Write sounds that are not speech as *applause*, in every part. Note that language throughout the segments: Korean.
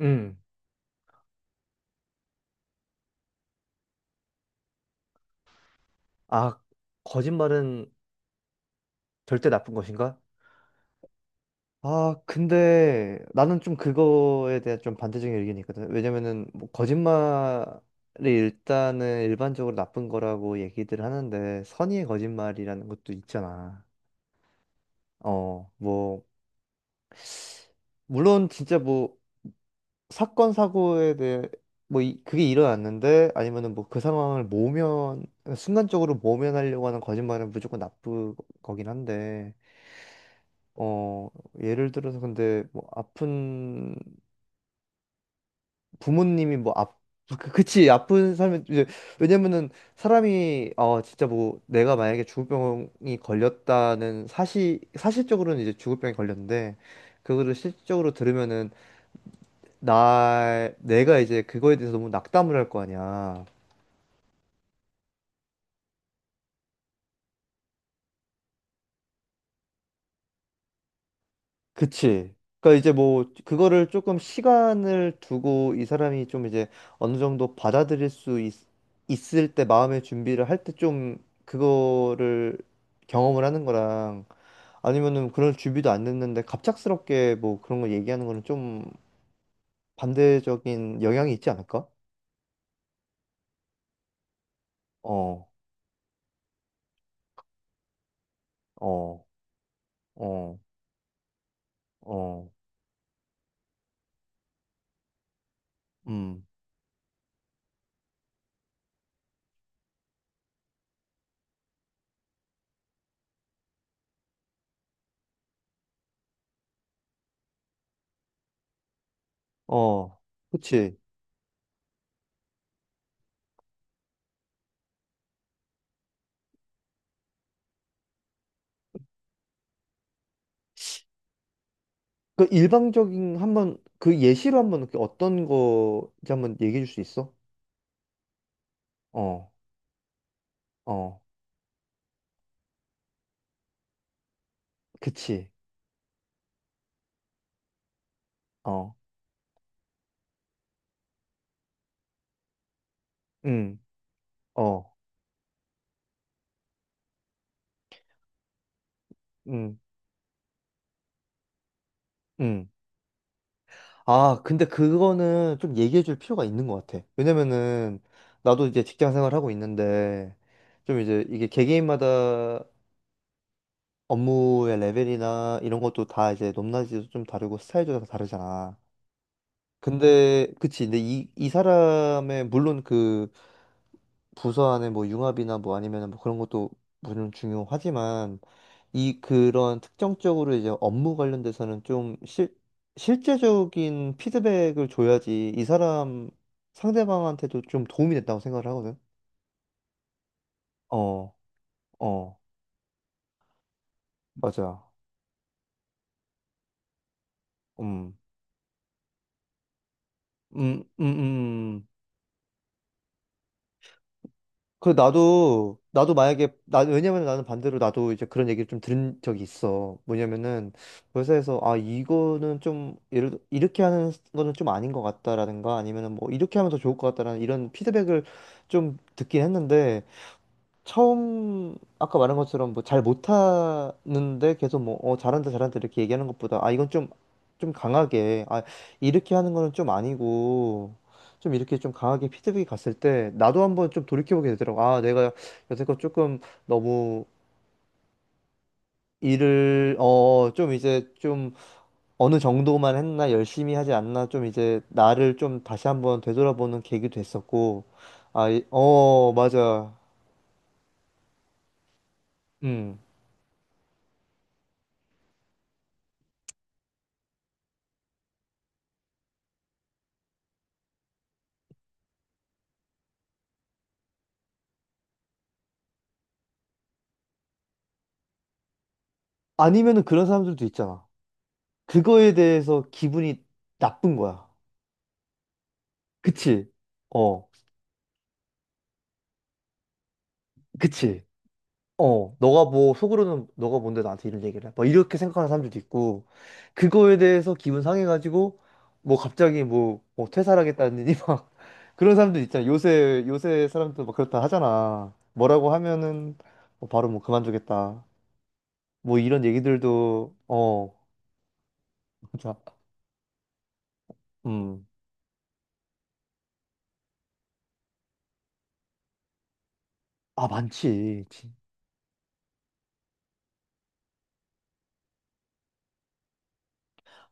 음. 아, 거짓말은 절대 나쁜 것인가? 근데 나는 좀 그거에 대한 좀 반대적인 의견이 있거든. 왜냐면은 거짓말이 일단은 일반적으로 나쁜 거라고 얘기들 하는데 선의의 거짓말이라는 것도 있잖아. 어, 뭐 물론 진짜 사건 사고에 대해 그게 일어났는데 아니면은 뭐 그 상황을 모면 순간적으로 모면하려고 하는 거짓말은 무조건 나쁜 거긴 한데, 어, 예를 들어서 근데 뭐 아픈 부모님이 그치. 아픈 삶은 이제, 왜냐면은 사람이 진짜 뭐 내가 만약에 주구병이 걸렸다는 사실적으로는 이제 주구병이 걸렸는데 그거를 실질적으로 들으면은 나 내가 이제 그거에 대해서 너무 낙담을 할 거 아니야. 그치. 그러니까 이제 뭐 그거를 조금 시간을 두고 이 사람이 좀 이제 어느 정도 있을 때 마음의 준비를 할 때 좀 그거를 경험을 하는 거랑 아니면은 그런 준비도 안 됐는데 갑작스럽게 뭐 그런 거 얘기하는 거는 좀 반대적인 영향이 있지 않을까? 어, 어, 어, 어, 음, 어, 그치. 그 일방적인 한번 그 예시로 한번 어떤 거지 한번 얘기해 줄 수 있어? 어. 어, 그치. 어, 응, 어, 응, 응. 아, 근데 그거는 좀 얘기해 줄 필요가 있는 것 같아. 왜냐면은, 나도 이제 직장 생활하고 있는데, 좀 이제 이게 개개인마다 업무의 레벨이나 이런 것도 다 이제 높낮이도 좀 다르고 스타일도 다 다르잖아. 그치. 근데 이 사람의, 물론 그 부서 안에 뭐 융합이나 뭐 아니면 뭐 그런 것도 물론 중요하지만, 이 그런 특정적으로 이제 업무 관련돼서는 실제적인 피드백을 줘야지 이 사람 상대방한테도 좀 도움이 됐다고 생각을 하거든. 어, 어, 맞아. 음, 음, 음, 음. 그 나도 만약에 나 왜냐면 나는 반대로 나도 이제 그런 얘기를 좀 들은 적이 있어. 뭐냐면은 회사에서 아 이거는 좀 예를 들어 이렇게 하는 거는 좀 아닌 것 같다라든가 아니면은 뭐 이렇게 하면 더 좋을 것 같다라는 이런 피드백을 좀 듣긴 했는데, 처음 아까 말한 것처럼 뭐 잘 못하는데 계속 뭐 잘한다 잘한다 이렇게 얘기하는 것보다 아 이건 좀 좀 강하게 아 이렇게 하는 거는 좀 아니고 좀 이렇게 좀 강하게 피드백이 갔을 때 나도 한번 좀 돌이켜보게 되더라고. 아 내가 여태껏 조금 너무 일을 어느 정도만 했나, 열심히 하지 않나, 좀 이제 나를 좀 다시 한번 되돌아보는 계기도 됐었고. 맞아. 음 아니면은 그런 사람들도 있잖아, 그거에 대해서 기분이 나쁜 거야. 그치? 어, 그치? 너가 뭐, 속으로는 너가 뭔데 나한테 이런 얘기를 해? 막 이렇게 생각하는 사람들도 있고, 그거에 대해서 기분 상해가지고, 뭐 갑자기 뭐 퇴사하겠다느니 *laughs* 막, 그런 사람들 있잖아. 요새 사람들 막 그렇다 하잖아. 뭐라고 하면은, 뭐 바로 뭐 그만두겠다. 뭐 이런 얘기들도. 진짜. 음. 아, 많지.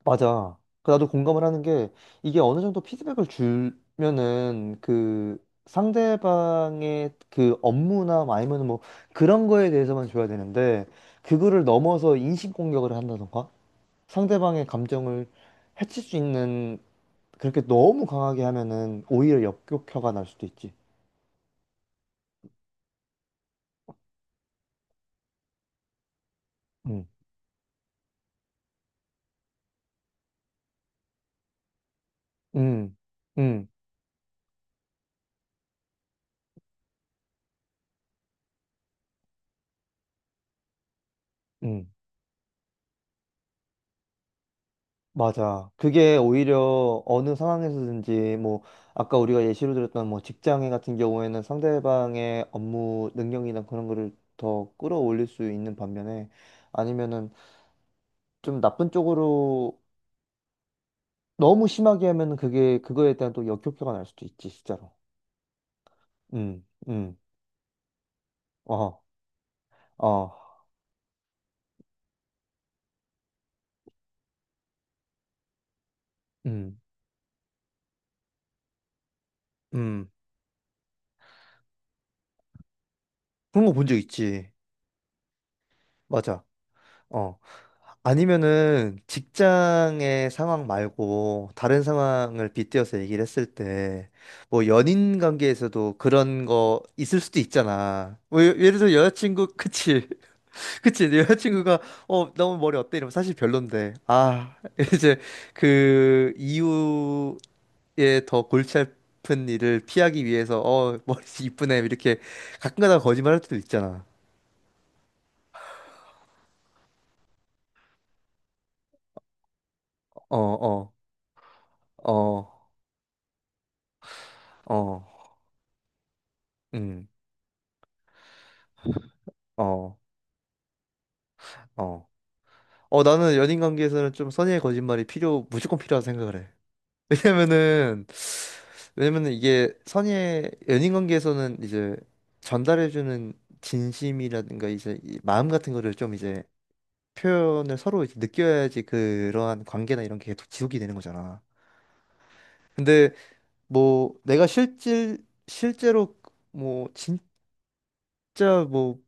맞아. 그 나도 공감을 하는 게, 이게 어느 정도 피드백을 주면은 그 상대방의 그 업무나 아니면 뭐 그런 거에 대해서만 줘야 되는데 그거를 넘어서 인신공격을 한다던가 상대방의 감정을 해칠 수 있는, 그렇게 너무 강하게 하면은 오히려 역효과가 날 수도 있지. 응, 응, 응, 응. 맞아. 그게 오히려 어느 상황에서든지 뭐 아까 우리가 예시로 들었던 뭐 직장인 같은 경우에는 상대방의 업무 능력이나 그런 거를 더 끌어올릴 수 있는 반면에, 아니면은 좀 나쁜 쪽으로 너무 심하게 하면은 그게 그거에 대한 또 역효과가 날 수도 있지 진짜로. 음, 음, 어, 어, 음, 음. 그런 거 본 적 있지. 맞아. 어. 아니면은 직장의 상황 말고 다른 상황을 빗대어서 얘기를 했을 때, 뭐 연인 관계에서도 그런 거 있을 수도 있잖아. 예를 들어 여자친구, 그치 *laughs* 그치 여자친구가 너무 머리 어때 이러면 사실 별론데, *laughs* 이제 그 이후에 더 골치 아픈 일을 피하기 위해서 머리 이쁘네 이렇게 가끔가다 거짓말할 때도 있잖아. 어어어어음어어 어, 나는 연인 관계에서는 좀 무조건 필요하다 생각을 해. 왜냐면은, 왜냐면은 이게 연인 관계에서는 이제 전달해주는 진심이라든가 이제 이 마음 같은 거를 좀 이제 표현을 서로 이제 느껴야지 그러한 관계나 이런 게 지속이 되는 거잖아. 뭐, 내가 실질, 실제로 뭐, 진짜 뭐,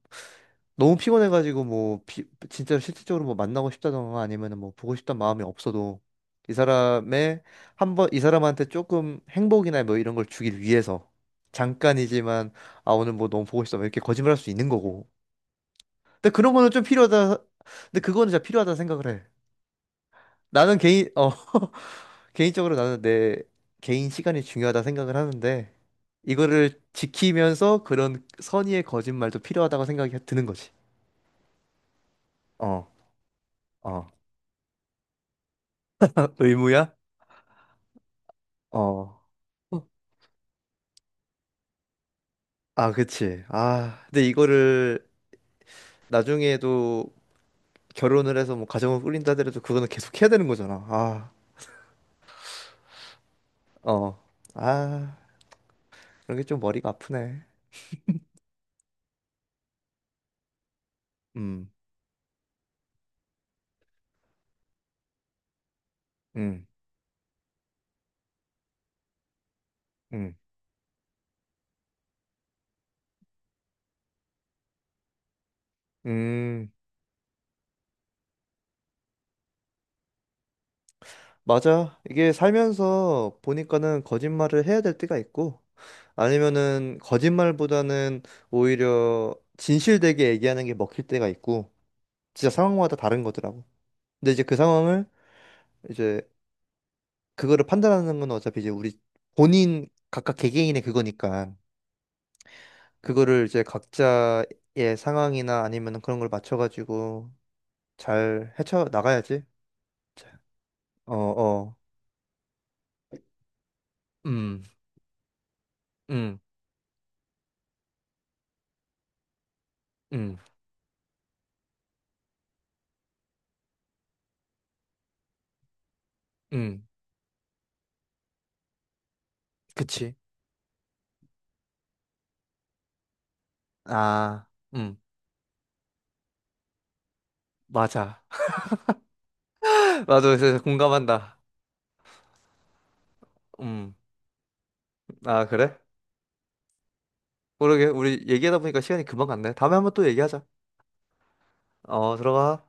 너무 피곤해가지고 진짜로 실질적으로 뭐 만나고 싶다던가 아니면은 뭐 보고 싶단 마음이 없어도 이 사람의 한번 이 사람한테 조금 행복이나 뭐 이런 걸 주길 위해서 잠깐이지만 아 오늘 뭐 너무 보고 싶다 뭐 이렇게 거짓말할 수 있는 거고, 근데 그런 거는 좀 필요하다 근데 그거는 진짜 필요하다 생각을 해. 나는 개인 어 *laughs* 개인적으로 나는 내 개인 시간이 중요하다 생각을 하는데 이거를 지키면서 그런 선의의 거짓말도 필요하다고 생각이 드는 거지. 어 어. *laughs* 의무야? 어. 아, 그치. 아, 근데 이거를 나중에도 결혼을 해서 뭐 가정을 꾸린다 하더라도 그거는 계속 해야 되는 거잖아. 어. 아, 그런 게 좀 머리가 아프네. 음, 음, 음, 음. 맞아. 이게 살면서 보니까는 거짓말을 해야 될 때가 있고, 아니면은 거짓말보다는 오히려 진실되게 얘기하는 게 먹힐 때가 있고, 진짜 상황마다 다른 거더라고. 근데 이제 그 상황을 이제 그거를 판단하는 건 어차피 이제 우리 본인 각각 개개인의 그거니까 그거를 이제 각자의 상황이나 아니면 그런 걸 맞춰가지고 잘 헤쳐 나가야지. 자, 어, 어, 음, 음, 음, 음, 그치. 아, 음, 맞아. *laughs* 나도 그래서 공감한다. 음, 아, 그래? 모르게, 우리 얘기하다 보니까 시간이 금방 갔네. 다음에 한번 또 얘기하자. 어, 들어가.